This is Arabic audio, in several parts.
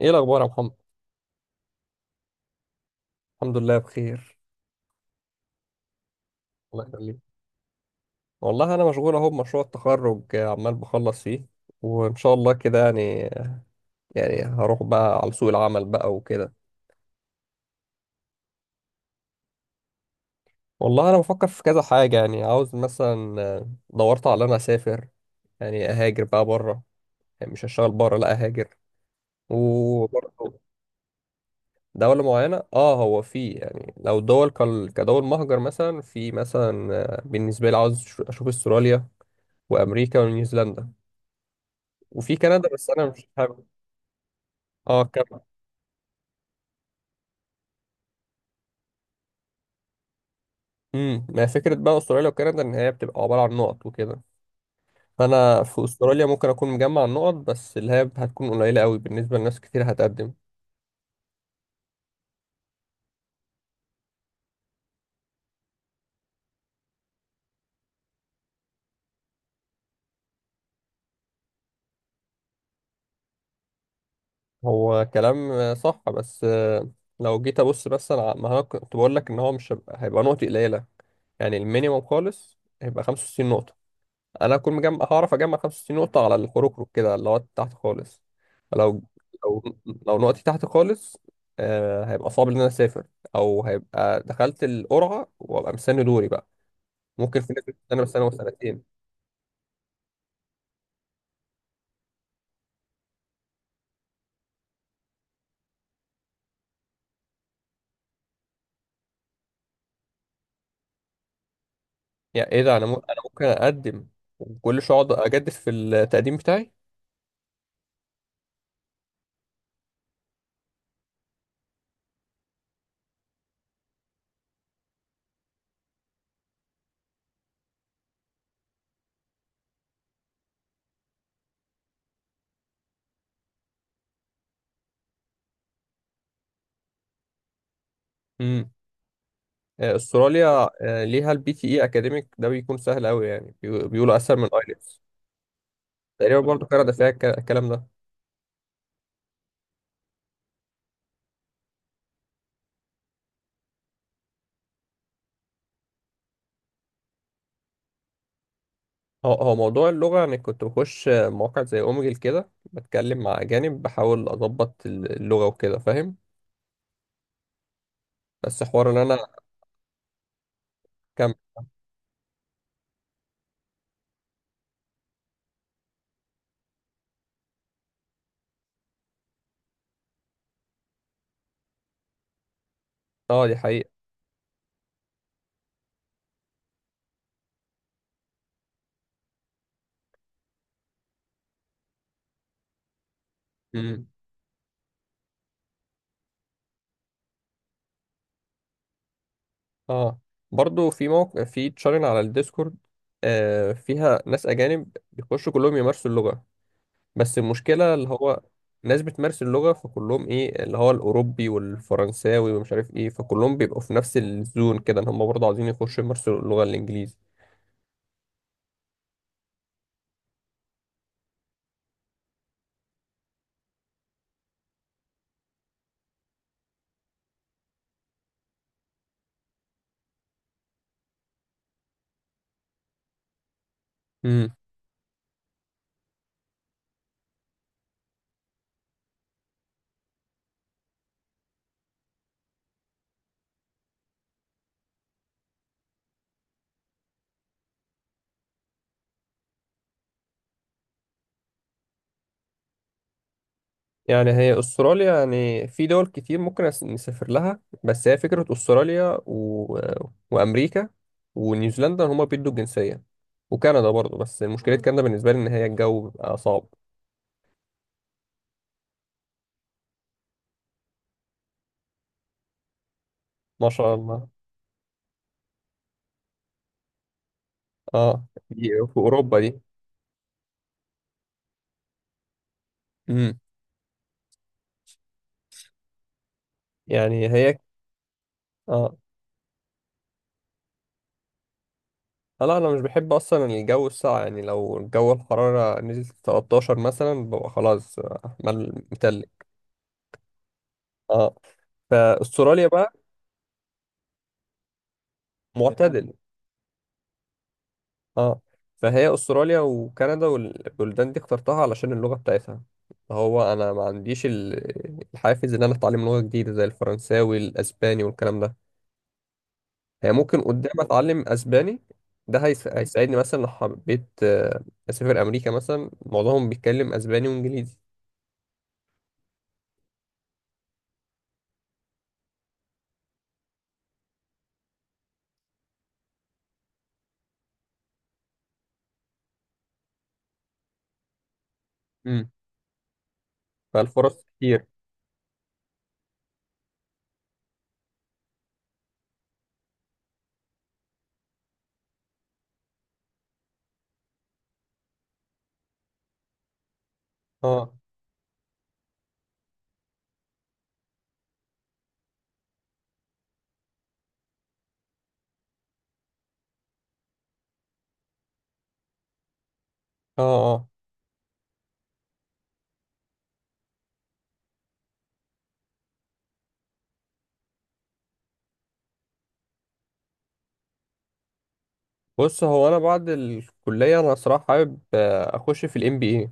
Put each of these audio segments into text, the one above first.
ايه الاخبار يا محمد. الحمد لله بخير. الله يخليك. والله انا مشغول اهو بمشروع التخرج، عمال بخلص فيه وان شاء الله كده، يعني هروح بقى على سوق العمل بقى وكده. والله انا بفكر في كذا حاجه، يعني عاوز مثلا، دورت على انا اسافر، يعني اهاجر بقى بره، يعني مش هشتغل بره لا اهاجر. وبرضه دولة معينة، اه هو في يعني لو دول كدول مهجر، مثلا في مثلا، بالنسبة لي عاوز أشوف استراليا وأمريكا ونيوزيلندا وفي كندا، بس انا مش حابب. اه كندا. ما هي فكره بقى استراليا وكندا ان هي بتبقى عباره عن نقط وكده، فانا في استراليا ممكن اكون مجمع النقط، بس اللي هي هتكون قليله قوي بالنسبه لناس كتير هتقدم. هو كلام صح بس لو جيت ابص، بس انا ما انا كنت بقول لك ان هو مش هيبقى هيبقى نقط قليله، يعني المينيموم خالص هيبقى 65 نقطه، انا اكون مجمع هعرف اجمع 65 نقطه على الحروكروك كده اللي هو تحت خالص. لو لو لو نقطتي تحت خالص، آه هيبقى صعب ان انا اسافر، او هيبقى دخلت القرعه وابقى مستني دوري بقى. ممكن في ناس، انا بستنى وسنتين. يعني ايه ده، انا انا ممكن اقدم وكل شويه اقعد اجدد في التقديم بتاعي. امم استراليا ليها البي تي اي اكاديميك، ده بيكون سهل قوي، يعني بيقولوا اسهل من ايلتس. تقريبا برضه كندا فيها الكلام ده. هو موضوع اللغة، يعني كنت بخش مواقع زي أوميجل كده بتكلم مع أجانب بحاول أضبط اللغة وكده، فاهم. بس حوار إن أنا كم. اه دي حقيقة. مم. اه برضو في موقع في تشارين على الديسكورد، آه فيها ناس أجانب بيخشوا كلهم يمارسوا اللغة. بس المشكلة، اللي هو ناس بتمارس اللغة، فكلهم إيه اللي هو الأوروبي والفرنساوي ومش عارف إيه، فكلهم بيبقوا في نفس الزون كده، إن هم برضه عاوزين يخشوا يمارسوا اللغة الإنجليزي. يعني هي أستراليا، يعني في دول كتير ممكن نسافر لها، بس هي فكرة أستراليا و وأمريكا ونيوزيلندا، هما بيدوا الجنسية. وكندا برضه، بس مشكلة كندا بالنسبة لي إن هي الجو بيبقى صعب. ما شاء الله. اه دي في أوروبا دي. امم يعني هي اه، لا أنا مش بحب أصلا الجو الساقع، يعني لو الجو الحرارة نزلت 13 مثلا ببقى خلاص، متلج. اه فأستراليا بقى معتدل. اه فهي استراليا وكندا والبلدان دي اخترتها علشان اللغه بتاعتها. هو انا ما عنديش الحافز ان انا اتعلم لغه جديده زي الفرنساوي الاسباني والكلام ده. هي ممكن قدام اتعلم اسباني، ده هيساعدني مثلا لو حبيت، اسافر امريكا مثلا معظمهم بيتكلم اسباني وانجليزي. امم، فالفرص كتير. اه اه اه. بص هو انا بعد الكليه انا صراحه حابب اخش في الام بي اي،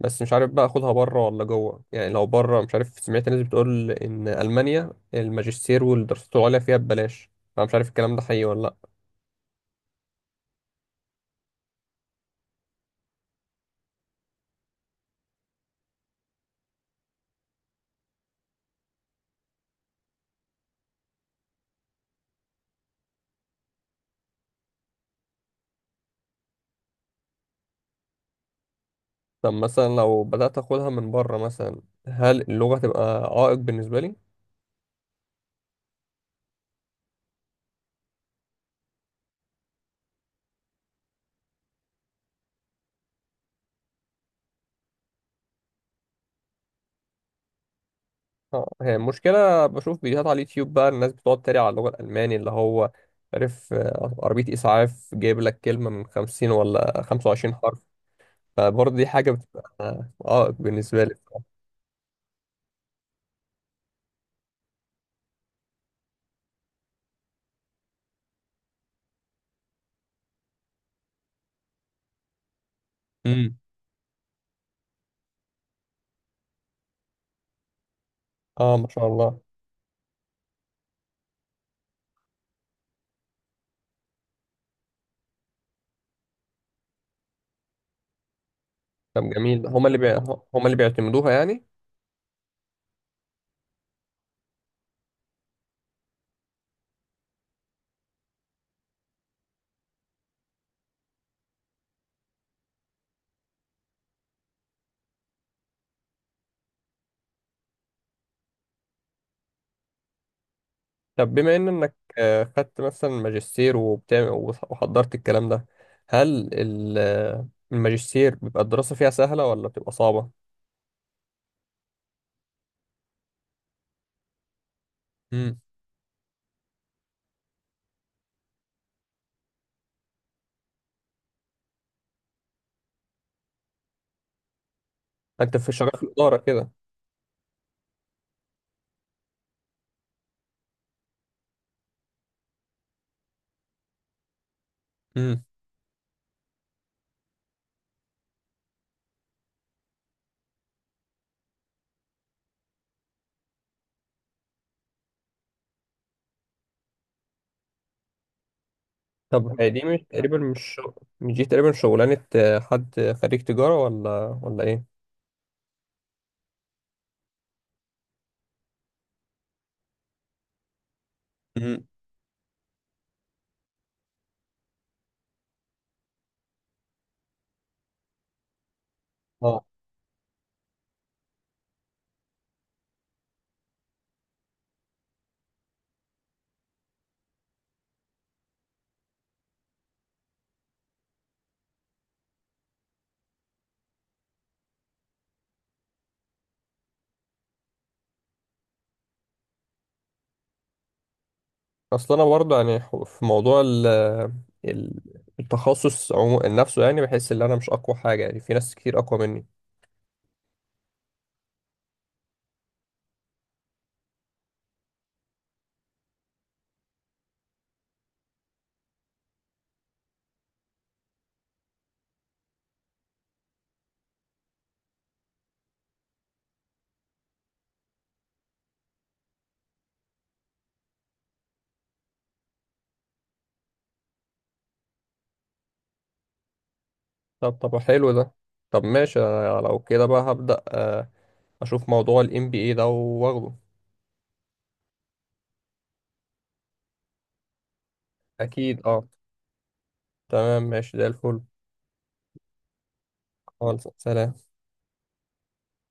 بس مش عارف بقى اخدها بره ولا جوه. يعني لو بره، مش عارف، سمعت ناس بتقول ان المانيا الماجستير والدراسات العليا فيها ببلاش، انا مش عارف الكلام ده حقيقي ولا لا. طب مثلا لو بدات اخدها من بره مثلا، هل اللغه تبقى عائق بالنسبه لي؟ اه هي المشكله بشوف فيديوهات على اليوتيوب بقى الناس بتقعد تريق على اللغه الالماني، اللي هو عارف، عربيه اسعاف، جايب لك كلمه من 50 ولا 25 حرف، فبرضه دي حاجه بتبقى عائق بالنسبه لي. امم. اه ما شاء الله. طب جميل، هما هما اللي بيعتمدوها يعني. طب بما ان انك، خدت مثلا ماجستير وبتعمل وحضرت الكلام ده، هل الماجستير بيبقى الدراسة فيها سهلة ولا بتبقى صعبة؟ امم. انت في شغال في الإدارة كده. امم. طب هي دي مش تقريبا مش دي تقريبا شغلانة حد خريج تجارة ولا ايه؟ امم. اه. اصل انا برضه يعني في موضوع ال- التخصص نفسه، يعني بحس ان انا مش اقوى حاجة، يعني في ناس كتير اقوى مني. طب طب حلو ده. طب ماشي، أنا لو كده بقى هبدأ، اشوف موضوع ال NBA ده واخده. اكيد اه. تمام ماشي زي الفل. خالص سلام.